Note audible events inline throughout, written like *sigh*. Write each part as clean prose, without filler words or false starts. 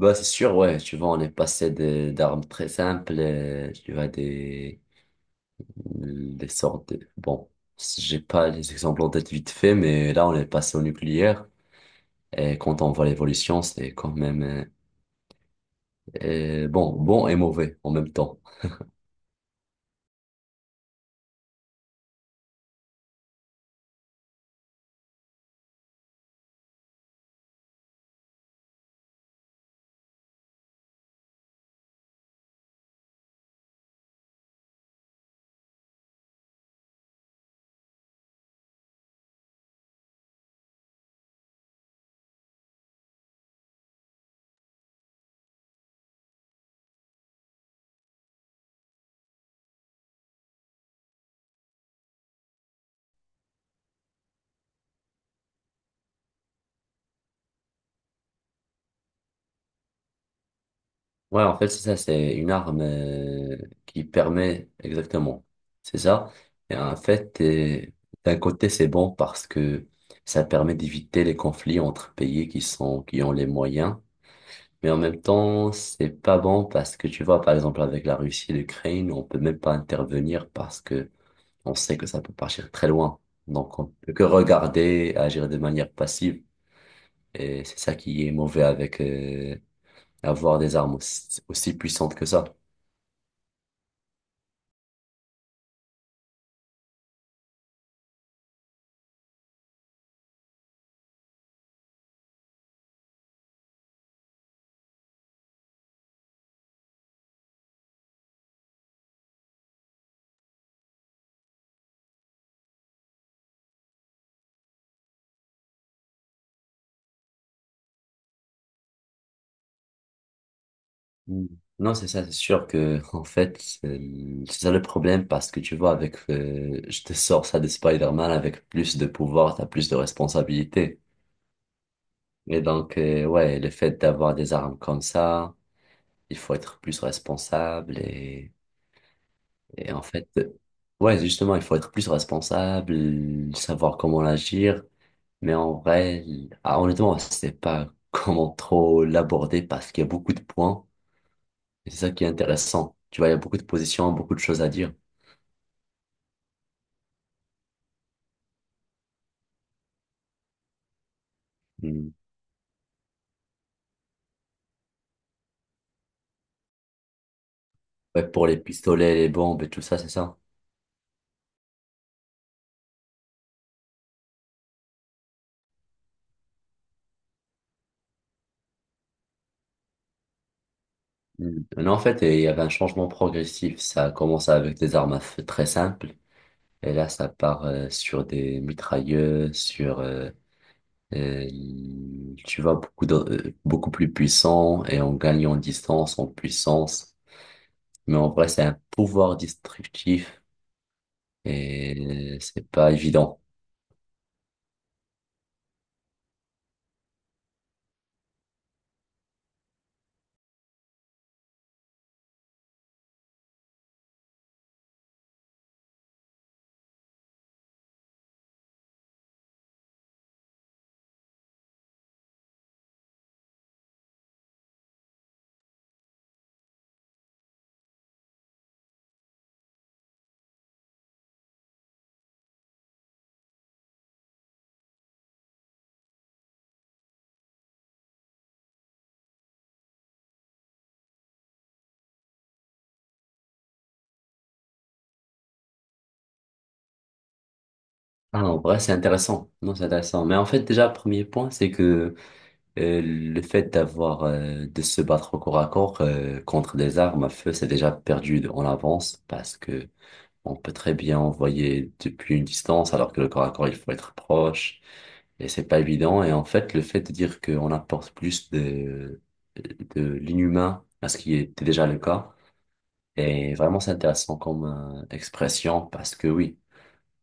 Bah, c'est sûr, ouais, tu vois, on est passé d'armes très simples, tu vois, des sortes de, bon, j'ai pas les exemples en tête vite fait, mais là, on est passé au nucléaire, et quand on voit l'évolution, c'est quand même, bon, bon et mauvais en même temps. Ouais, en fait, c'est ça, c'est une arme, qui permet, exactement, c'est ça. Et en fait, d'un côté, c'est bon parce que ça permet d'éviter les conflits entre pays qui ont les moyens. Mais en même temps, c'est pas bon parce que tu vois, par exemple, avec la Russie et l'Ukraine, on peut même pas intervenir parce que on sait que ça peut partir très loin. Donc, on peut que regarder, agir de manière passive. Et c'est ça qui est mauvais avec avoir des armes aussi puissantes que ça. Mm. Non, c'est ça, c'est sûr que, en fait, c'est ça le problème parce que tu vois, je te sors ça de Spider-Man: avec plus de pouvoir, t'as plus de responsabilités. Et donc, ouais, le fait d'avoir des armes comme ça, il faut être plus responsable et en fait, ouais, justement, il faut être plus responsable, savoir comment agir, mais en vrai, ah, honnêtement, je sais pas *laughs* comment trop l'aborder parce qu'il y a beaucoup de points et c'est ça qui est intéressant. Tu vois, il y a beaucoup de positions, beaucoup de choses à dire. Hmm. Ouais, pour les pistolets, les bombes et tout ça, c'est ça. Hmm. Non, en fait, il y avait un changement progressif. Ça a commencé avec des armes à feu très simples. Et là, ça part sur des mitrailleuses, tu vas beaucoup plus puissant et on gagne en distance, en puissance. Mais en vrai, c'est un pouvoir destructif et c'est pas évident. Ah, en vrai, c'est intéressant. Non, c'est intéressant. Mais en fait, déjà, premier point, c'est que le fait de se battre au corps à corps contre des armes à feu, c'est déjà perdu en avance parce que on peut très bien envoyer depuis une distance, alors que le corps à corps, il faut être proche. Et c'est pas évident. Et en fait, le fait de dire qu'on apporte de l'inhumain à ce qui était déjà le cas, est vraiment c'est intéressant comme expression parce que oui,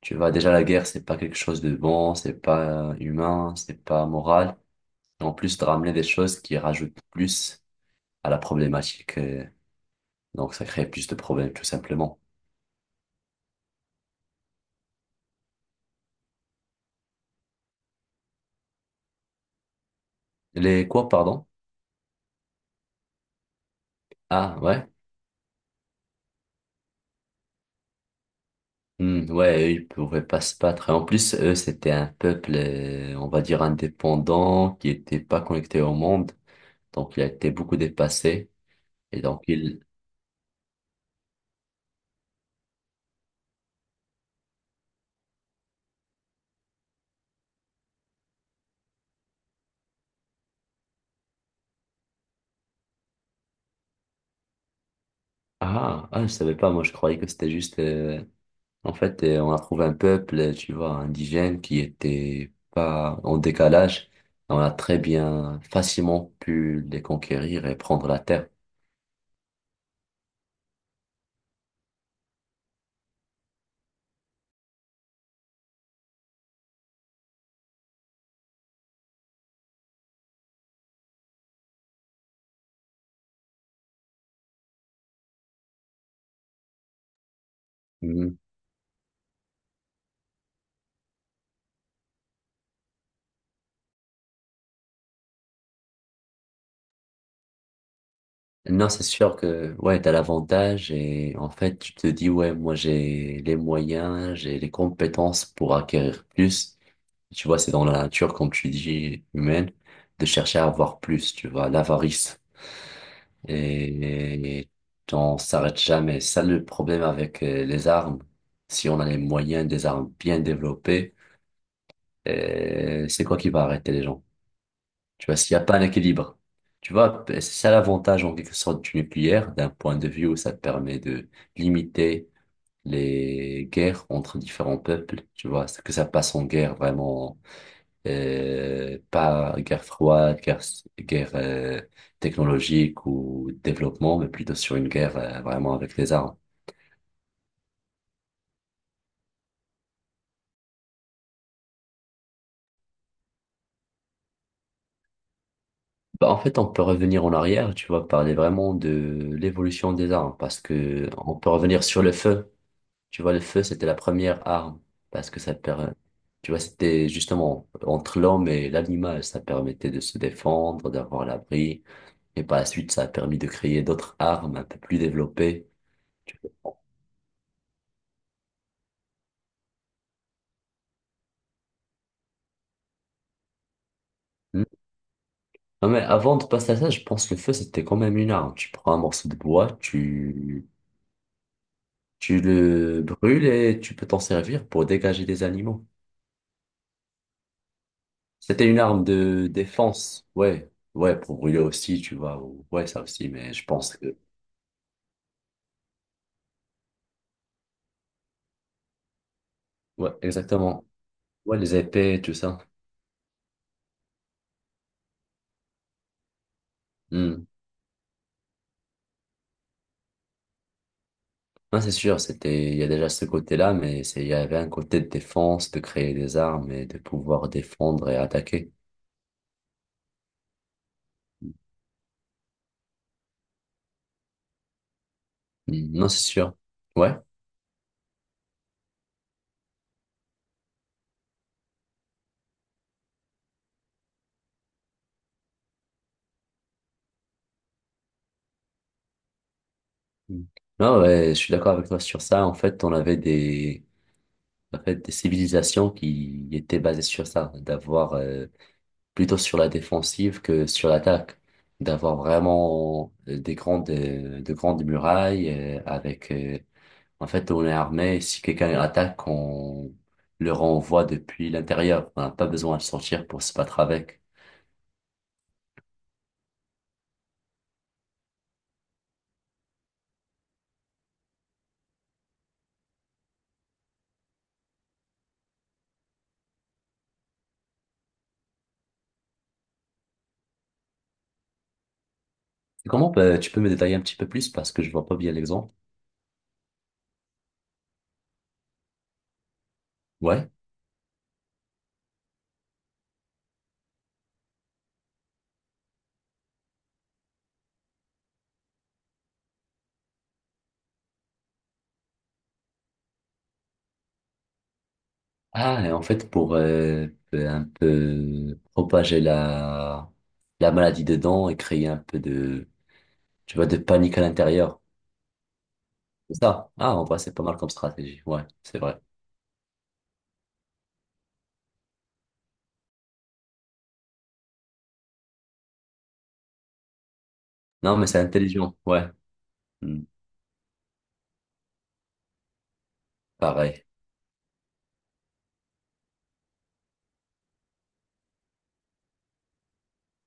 tu vois, déjà la guerre, c'est pas quelque chose de bon, c'est pas humain, c'est pas moral. En plus de ramener des choses qui rajoutent plus à la problématique, donc ça crée plus de problèmes tout simplement. Les quoi, pardon? Ah, ouais. Hmm, ouais, eux, ils pouvaient pas se battre. Et en plus, eux, c'était un peuple, on va dire, indépendant, qui était pas connecté au monde. Donc, il a été beaucoup dépassé. Et donc, il... Ah, ah, je savais pas, moi, je croyais que c'était juste... En fait, on a trouvé un peuple, tu vois, indigène, qui était pas en décalage. On a très bien, facilement pu les conquérir et prendre la terre. Non, c'est sûr que ouais, t'as l'avantage et en fait, tu te dis ouais, moi j'ai les moyens, j'ai les compétences pour acquérir plus. Tu vois, c'est dans la nature, comme tu dis, humaine, de chercher à avoir plus, tu vois, l'avarice. Et on s'arrête jamais. C'est ça, le problème avec les armes. Si on a les moyens, des armes bien développées, c'est quoi qui va arrêter les gens? Tu vois, s'il n'y a pas un équilibre. Tu vois, c'est ça l'avantage en quelque sorte du nucléaire, d'un point de vue où ça te permet de limiter les guerres entre différents peuples. Tu vois, c'est que ça passe en guerre vraiment, pas guerre froide, guerre, guerre technologique ou développement, mais plutôt sur une guerre vraiment avec les armes. Bah, en fait, on peut revenir en arrière, tu vois, parler vraiment de l'évolution des armes, parce que on peut revenir sur le feu. Tu vois, le feu, c'était la première arme parce que ça permet, tu vois, c'était justement entre l'homme et l'animal, ça permettait de se défendre, d'avoir l'abri. Et par la suite, ça a permis de créer d'autres armes un peu plus développées. Tu vois. Hmm. Non, mais avant de passer à ça, je pense que le feu, c'était quand même une arme. Tu prends un morceau de bois, tu le brûles et tu peux t'en servir pour dégager des animaux. C'était une arme de défense, ouais. Ouais, pour brûler aussi, tu vois. Ouais, ça aussi, mais je pense que... Ouais, exactement. Ouais, les épées, tout ça. Hmm. Non, c'est sûr, c'était, il y a déjà ce côté-là, mais c'est, il y avait un côté de défense, de créer des armes et de pouvoir défendre et attaquer. Hmm. Non, c'est sûr. Ouais. Hmm. Non, ouais, je suis d'accord avec toi sur ça. En fait, on avait des, en fait, des civilisations qui étaient basées sur ça, d'avoir, plutôt sur la défensive que sur l'attaque, d'avoir vraiment des grandes, de grandes murailles, euh, avec, euh, en fait, on est armé et si quelqu'un attaque, on le renvoie depuis l'intérieur. On n'a pas besoin de sortir pour se battre avec. Comment, tu peux me détailler un petit peu plus parce que je vois pas bien l'exemple? Ouais. Ah, et en fait, pour un peu propager la maladie dedans et créer un peu de, tu vois, de panique à l'intérieur. C'est ça. Ah, en vrai, c'est pas mal comme stratégie. Ouais, c'est vrai. Non, mais c'est intelligent. Ouais. Hmm, pareil.